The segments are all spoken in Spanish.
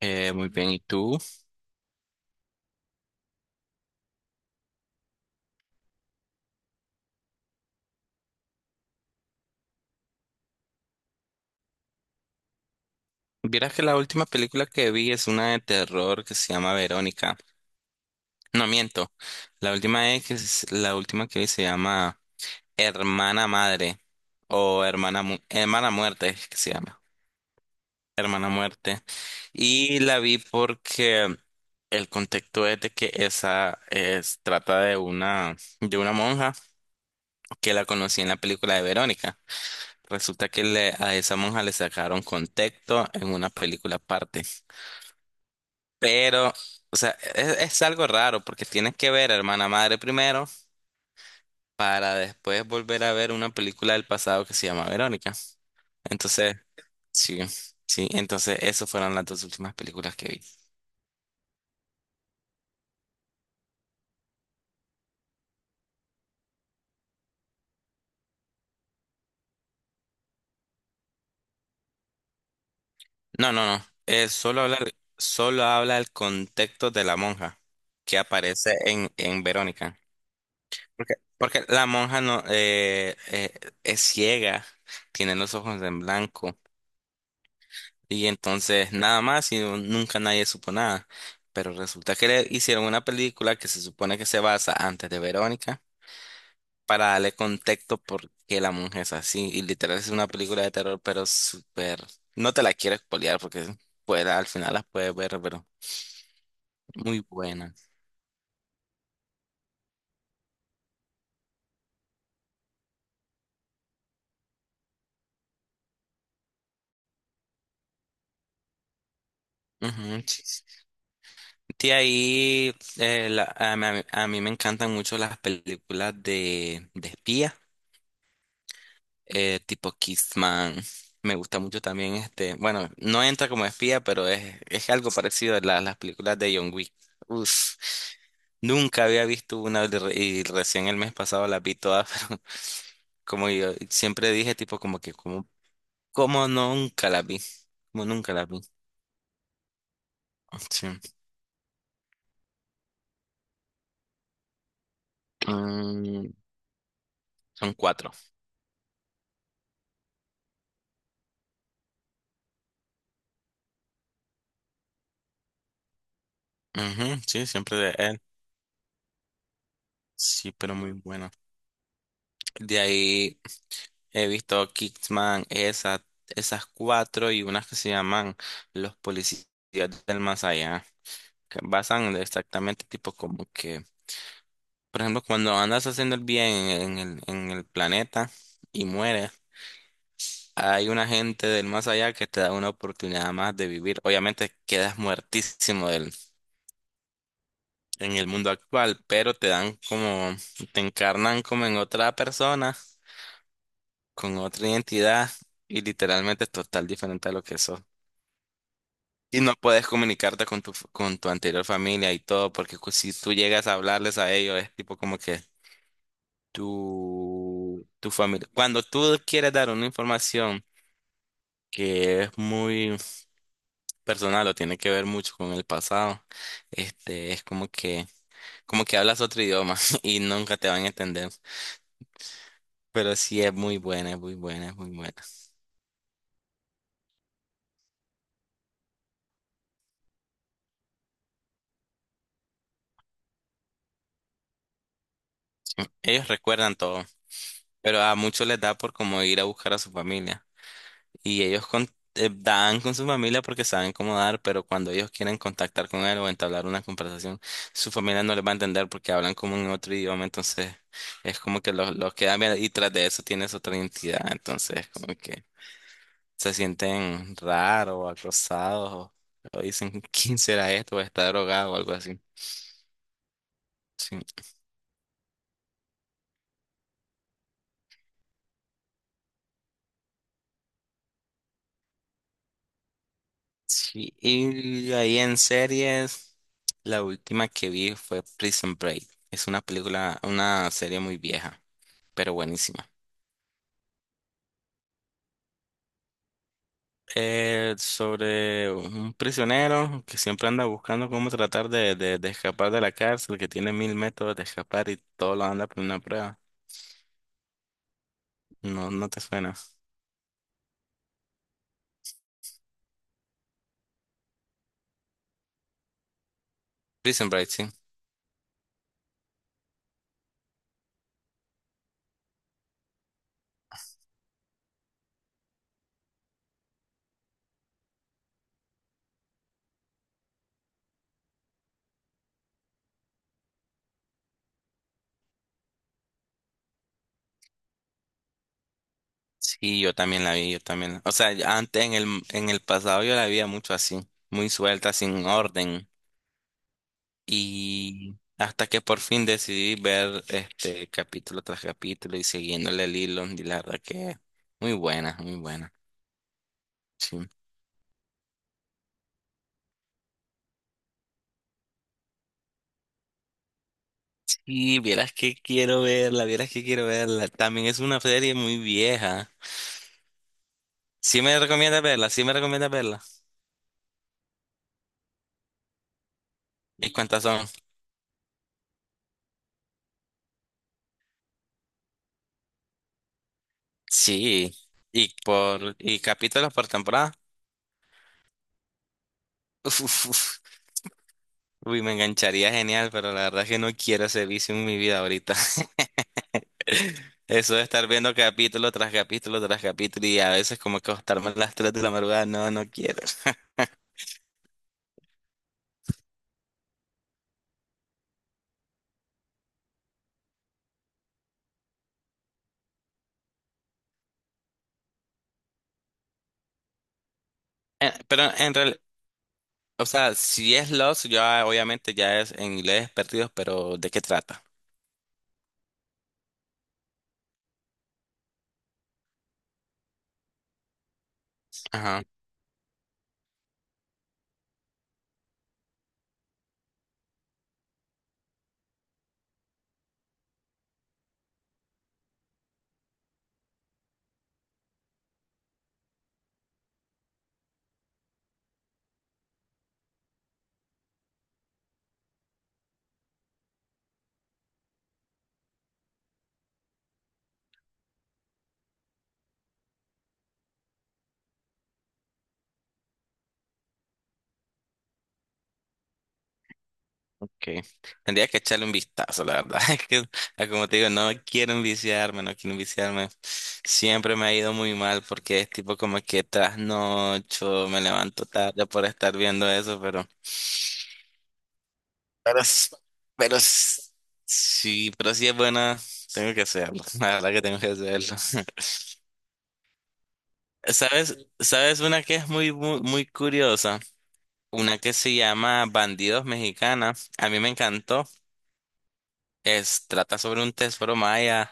Muy bien, ¿y tú? Vieras que la última película que vi es una de terror que se llama Verónica. No miento. La última la última que vi se llama Hermana Madre o Hermana Muerte es que se llama. Hermana Muerte. Y la vi porque el contexto es de que esa es trata de una monja que la conocí en la película de Verónica. Resulta que a esa monja le sacaron contexto en una película aparte. Pero, o sea, es algo raro porque tienes que ver a Hermana Madre primero para después volver a ver una película del pasado que se llama Verónica. Entonces, sí, sí, entonces esas fueron las dos últimas películas que vi. No, no, no, solo habla el contexto de la monja que aparece en Verónica. Porque la monja no es ciega, tiene los ojos en blanco. Y entonces nada más y nunca nadie supo nada. Pero resulta que le hicieron una película que se supone que se basa antes de Verónica para darle contexto por qué la mujer es así. Y literal es una película de terror, pero súper. No te la quiero spoilear porque, pues, al final la puedes ver, pero muy buena. Ujú, sí, sí. De ahí a mí me encantan mucho las películas de espía. Tipo Kissman. Me gusta mucho también este. Bueno, no entra como espía, pero es algo parecido a las películas de John Wick. Uf, nunca había visto una y recién el mes pasado las vi todas, pero como yo siempre dije, tipo, como nunca las vi. Como nunca las vi. Sí. Mm, Son cuatro. Ujú, sí, siempre de él. Sí, pero muy bueno. De ahí. He visto Kickman, esas cuatro y unas que se llaman Los Policías del Más Allá, que basan de exactamente tipo como que, por ejemplo, cuando andas haciendo el bien en el planeta y mueres, hay una gente del más allá que te da una oportunidad más de vivir. Obviamente quedas muertísimo en el mundo actual, pero te encarnan como en otra persona, con otra identidad y literalmente total diferente a lo que sos. Y no puedes comunicarte con tu anterior familia y todo, porque si tú llegas a hablarles a ellos, es tipo como que tu familia. Cuando tú quieres dar una información que es muy personal o tiene que ver mucho con el pasado, es como que hablas otro idioma y nunca te van a entender. Pero sí es muy buena, es muy buena, es muy buena. Ellos recuerdan todo, pero a muchos les da por como ir a buscar a su familia. Y ellos dan con su familia porque saben cómo dar, pero cuando ellos quieren contactar con él o entablar una conversación, su familia no les va a entender porque hablan como en otro idioma, entonces es como que los quedan bien y tras de eso tienes otra identidad, entonces como que se sienten raros o acosados o dicen, ¿quién será esto? O está drogado o algo así. Sí. Sí, y ahí en series, la última que vi fue Prison Break. Es una película, una serie muy vieja, pero buenísima. Sobre un prisionero que siempre anda buscando cómo tratar de escapar de la cárcel, que tiene mil métodos de escapar y todo lo anda por una prueba. No, no te suena. Prison Break, sí. Sí, yo también la vi, yo también. O sea, ya antes en el pasado yo la veía mucho así, muy suelta, sin orden. Y hasta que por fin decidí ver este capítulo tras capítulo y siguiéndole el hilo, y la verdad que muy buena, muy buena. Sí. Y vieras que quiero verla, vieras que quiero verla. También es una serie muy vieja. Sí me recomiendas verla, sí me recomiendas verla. ¿Y cuántas son? Sí. Y capítulos por temporada. Uf, uf, uf. Uy, me engancharía genial, pero la verdad es que no quiero ese vicio en mi vida ahorita. Eso de estar viendo capítulo tras capítulo tras capítulo y a veces como que acostarme a las 3 de la madrugada, no, no quiero. Pero en realidad, o sea, si es Lost, ya obviamente ya es en inglés perdidos, pero ¿de qué trata? Ajá, ok. Tendría que echarle un vistazo, la verdad. Es que, como te digo, no quiero enviciarme, no quiero enviciarme. Siempre me ha ido muy mal porque es tipo como que trasnocho, me levanto tarde por estar viendo eso, pero, s- pero s- sí, pero sí es buena, tengo que hacerlo. La verdad que tengo que hacerlo. ¿Sabes? ¿Sabes una que es muy, muy, muy curiosa? Una que se llama Bandidos Mexicanas. A mí me encantó. Trata sobre un tesoro maya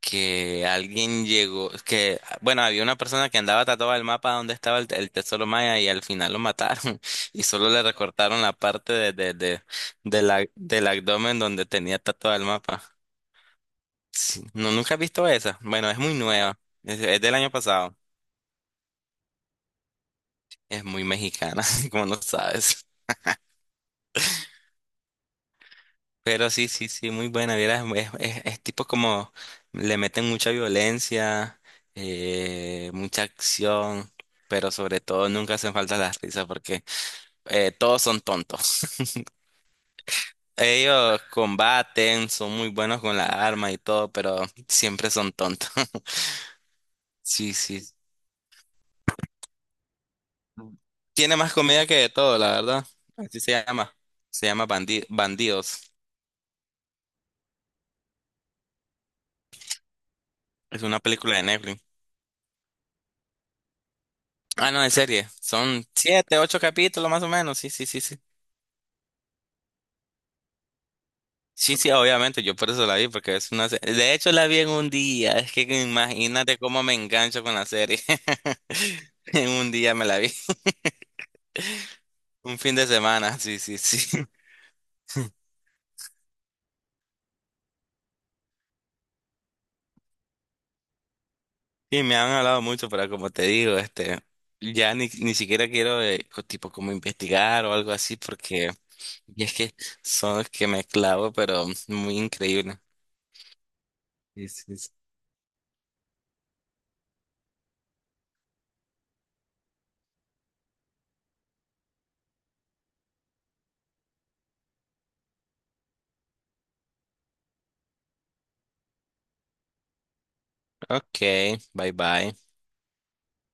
que alguien llegó, que, bueno, había una persona que andaba tatuada el mapa donde estaba el tesoro maya y al final lo mataron y solo le recortaron la parte del abdomen donde tenía tatuado el mapa. Sí. No, nunca he visto esa. Bueno, es muy nueva. Es del año pasado. Es muy mexicana, como no sabes. Pero sí, sí, sí, muy buena. Vieras, es tipo como le meten mucha violencia, mucha acción, pero sobre todo nunca hacen falta las risas porque todos son tontos. Ellos combaten, son muy buenos con la arma y todo, pero siempre son tontos. Sí, sí. Tiene más comida que de todo, la verdad. Así se llama. Se llama Bandidos. Es una película de Netflix. Ah, no, de serie. Son siete, ocho capítulos más o menos. Sí, sí, sí, sí. Sí, sí, obviamente, yo por eso la vi, porque es una serie. De hecho, la vi en un día. Es que imagínate cómo me engancho con la serie. En un día me la vi. Un fin de semana, sí, sí, sí. Y me han hablado mucho, pero como te digo, ya ni siquiera quiero, tipo, como investigar o algo así, porque y es que son los que me clavo, pero muy increíble. Sí, sí, sí. Ok, bye bye.